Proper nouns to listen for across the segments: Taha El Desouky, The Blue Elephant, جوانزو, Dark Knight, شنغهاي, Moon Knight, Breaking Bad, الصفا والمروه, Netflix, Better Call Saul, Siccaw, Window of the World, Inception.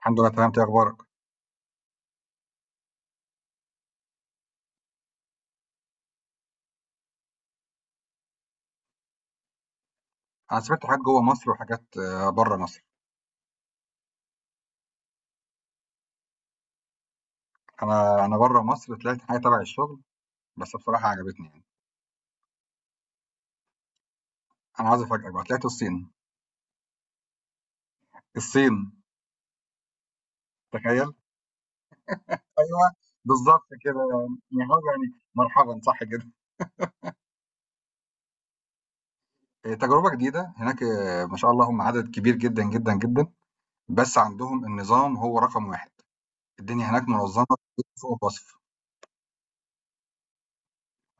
الحمد لله تمام. إنت إيه اخبارك؟ انا سافرت حاجات جوه مصر وحاجات بره مصر. انا بره مصر طلعت حاجه تبع الشغل، بس بصراحه عجبتني يعني. انا عايز افاجئك، بقى طلعت الصين. الصين، تخيل. ايوه، بالظبط كده. يعني هو يعني مرحبا صح كده. إيه، تجربه جديده هناك. إيه، ما شاء الله، هم عدد كبير جدا جدا جدا، بس عندهم النظام هو رقم واحد. الدنيا هناك منظمه فوق الوصف.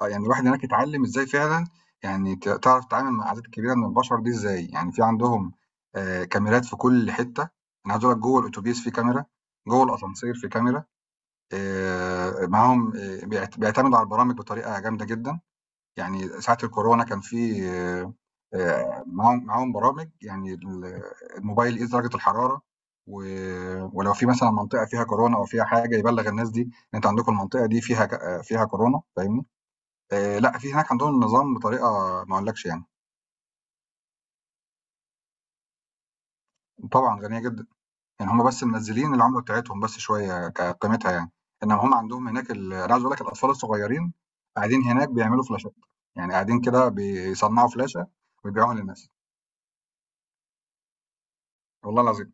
يعني الواحد هناك اتعلّم إزاي فعلًا. يعني تعرف تتعامل مع الأعداد الكبيرة من البشر دي إزاي. يعني في عندهم كاميرات في كل حتّة. أنا عايز أقول لك، جوّه الأوتوبيس في كاميرا، جوّه الأسانسير في كاميرا. معاهم، بيعتمدوا على البرامج بطريقة جامدة جدًا. يعني ساعة الكورونا كان في معاهم برامج، يعني الموبايل يقيس درجة الحرارة، و ولو في مثلًا منطقة فيها كورونا أو فيها حاجة يبلّغ الناس دي إن أنتم عندكم المنطقة دي فيها ك آه، فيها كورونا، فاهمني؟ لأ، في هناك عندهم النظام بطريقة ما أقولكش يعني. وطبعًا غنية جدًا. يعني هُم بس منزّلين العملة بتاعتهم بس شوية كقيمتها يعني. إنّما هُم عندهم هناك أنا عايز أقول لك الأطفال الصغيّرين قاعدين هناك بيعملوا فلاشات. يعني قاعدين كده بيصنّعوا فلاشة ويبيعوها للناس، والله العظيم.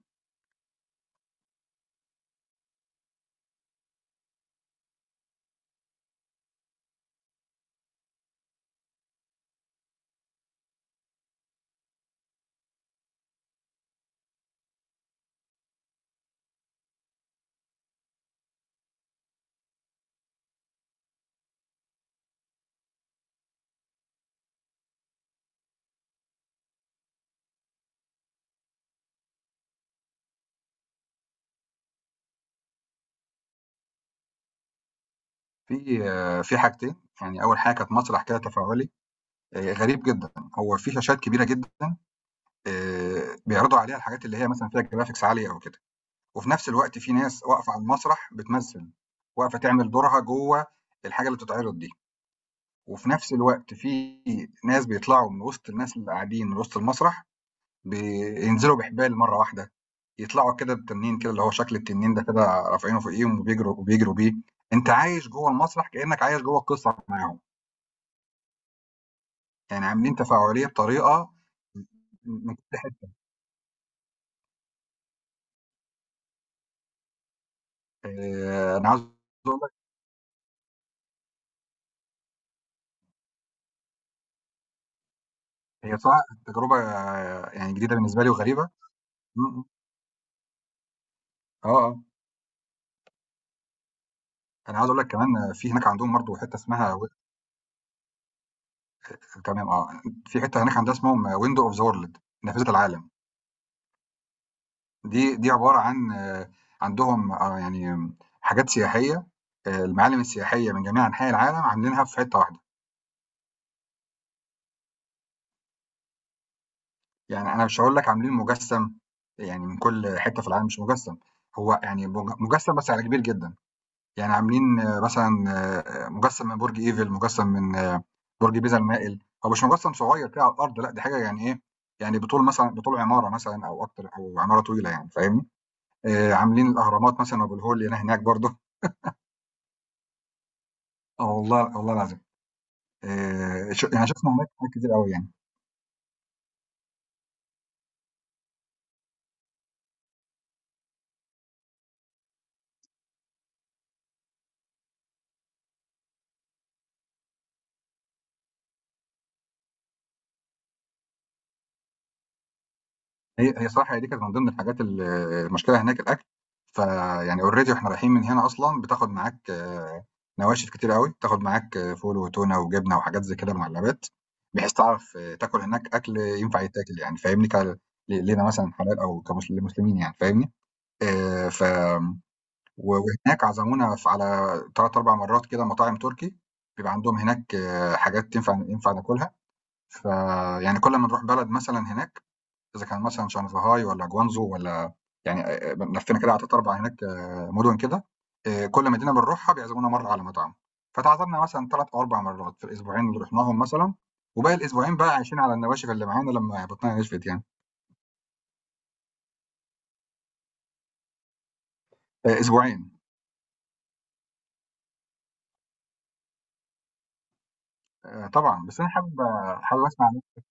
في في حاجتين. يعني أول حاجة كانت مسرح كده تفاعلي، غريب جدًا. هو في شاشات كبيرة جدًا بيعرضوا عليها الحاجات اللي هي مثلًا فيها graphics عالية أو كده، وفي نفس الوقت في ناس واقفة على المسرح بتمثل، واقفة تعمل دورها جوه الحاجة اللي بتتعرض دي. وفي نفس الوقت في ناس بيطلعوا من وسط الناس اللي قاعدين، من وسط المسرح بينزلوا بحبال مرة واحدة، يطلعوا كده بتنين كده اللي هو شكل التنين ده، كده رافعينه فوقيهم وبيجروا وبيجروا بيه. أنت عايش جوه المسرح كأنك عايش جوه القصة معاهم. يعني عاملين تفاعلية بطريقة أنا عاوز أقول لك، هي صراحة تجربة يعني جديدة بالنسبة لي وغريبة. امم، آه آه. أنا عاوز أقول لك كمان في هناك عندهم برضه حتة اسمها تمام. في حتة هناك عندها اسمهم ويندو أوف ذا وورلد، نافذة العالم. دي عبارة عن عندهم، يعني حاجات سياحية. المعالم السياحية من جميع أنحاء العالم عاملينها في حتة واحدة. يعني أنا مش هقول لك عاملين مجسم يعني من كل حتة في العالم، مش مجسم هو، يعني مجسم بس على كبير جدا. يعني عاملين، مثلًا مجسّم من برج إيفل، مجسّم من برج بيزا المائل. هو مش مجسّم صغير كده على الأرض، لأ، دي حاجة يعني إيه، يعني بطول مثلًا بطول عمارة مثلًا أو أكتر، أو عمارة طويلة يعني، فاهمني؟ عاملين الأهرامات مثلًا وأبو الهول اللي هنا هناك برضه. والله والله العظيم. ش يعني شُفنا هناك حاجات كتير أوي يعني. هي صح، هي دي كانت من ضمن الحاجات، المشكلة هناك الأكل. فيعني already وإحنا رايحين من هنا أصلًا بتاخد معاك نواشف كتير أوي، بتاخد معاك فول وتونة وجبنة وحاجات زي كده معلبات، بحيث تعرف تاكل هناك أكل ينفع يتاكل يعني، فاهمني؟ ك ل لينا مثلًا حلال، أو كمسل لمسلمين يعني، فاهمني؟ ف وهناك عزمونا على 3، 4 مرات كده مطاعم تركي. بيبقى عندهم هناك حاجات تنفع ينفع ناكلها. فيعني كل ما نروح بلد مثلًا هناك، إذا كان مثلًا شنغهاي والّا جوانزو والّا، يعني لفينا كده على 3، 4 هناك مدن كده. كل مدينة بنروحها بيعزمونا مرّة على مطعم، فتعادلنا مثلًا 3 أو 4 مرات في الأسبوعين اللي رُحناهم مثلًا. وباقي الأسبوعين بقى عايشين على النواشف اللي معانا لمّا بطننا نشفت يعني. أسبوعين. طبعًا، بس أنا حابب حابب أسمع منِّك.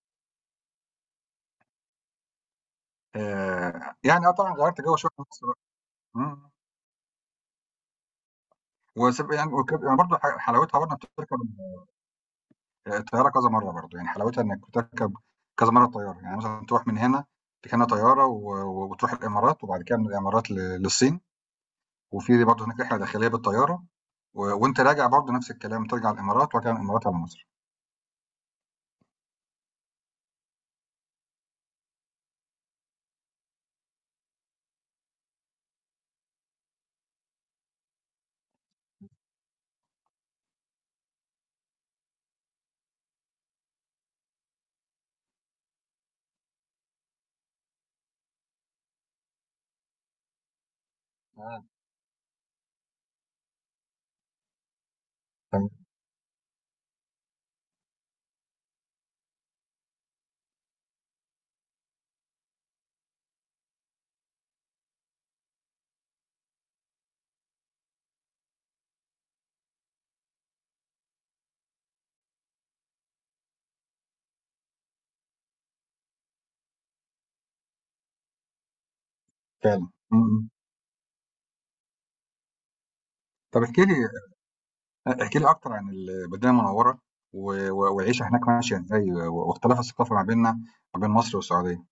يعني طبعًا غيّرت جو شوية في نفس الوقت. إمم، يعني وكانت برضه حلاوتها برضه بتركب الطياره كذا مره برضه، يعني حلاوتها انك تركب كذا مره الطياره. يعني مثلا تروح من هنا تكنا طياره وتروح الامارات، وبعد كده من الامارات للصين. وفي برضه هناك رحله داخليه بالطياره. وانت راجع برضه نفس الكلام، ترجع الامارات وارجع من الامارات على مصر. آه، تمام. فعلا. م- م. طب احكي لي، احكي لي اكتر عن المدينه المنوره والعيشه هناك ماشيه ازاي، واختلاف الثقافه ما بيننا، ما بين مصر والسعوديه.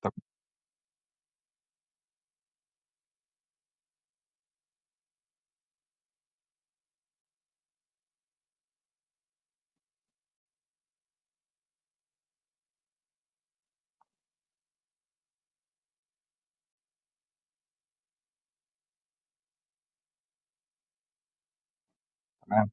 طب تمام.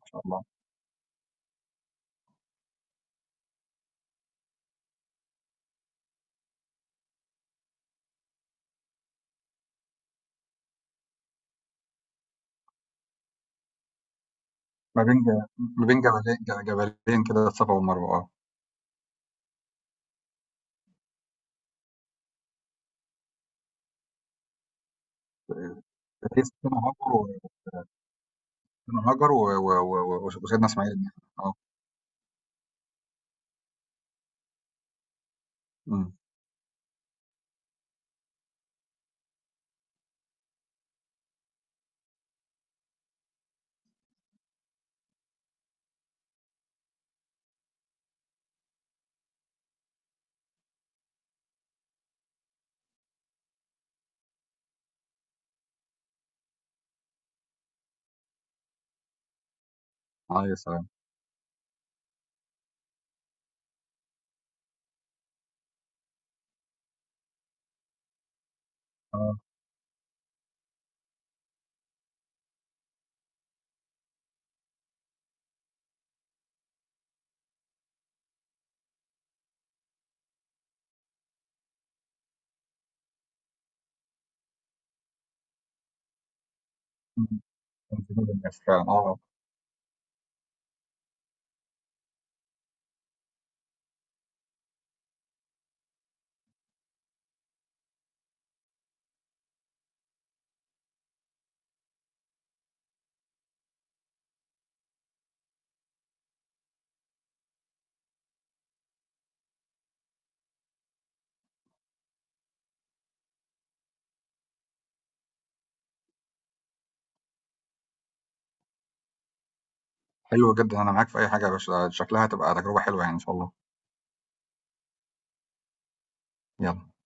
ما شاء الله. ما بين ج- ما بين جبلين، جبلين كده، الصفا والمروه. اه، لسه سنة هاجر، سيدنا هاجر وسيدنا اسماعيل النبي. اه. امم. عليه السلام. اه. أمم. كان في جبل الناس فعلا، اه. حلو جدا، انا معاك في اي حاجه يا باشا، شكلها هتبقى تجربه حلوه يعني ان شاء الله. يلا.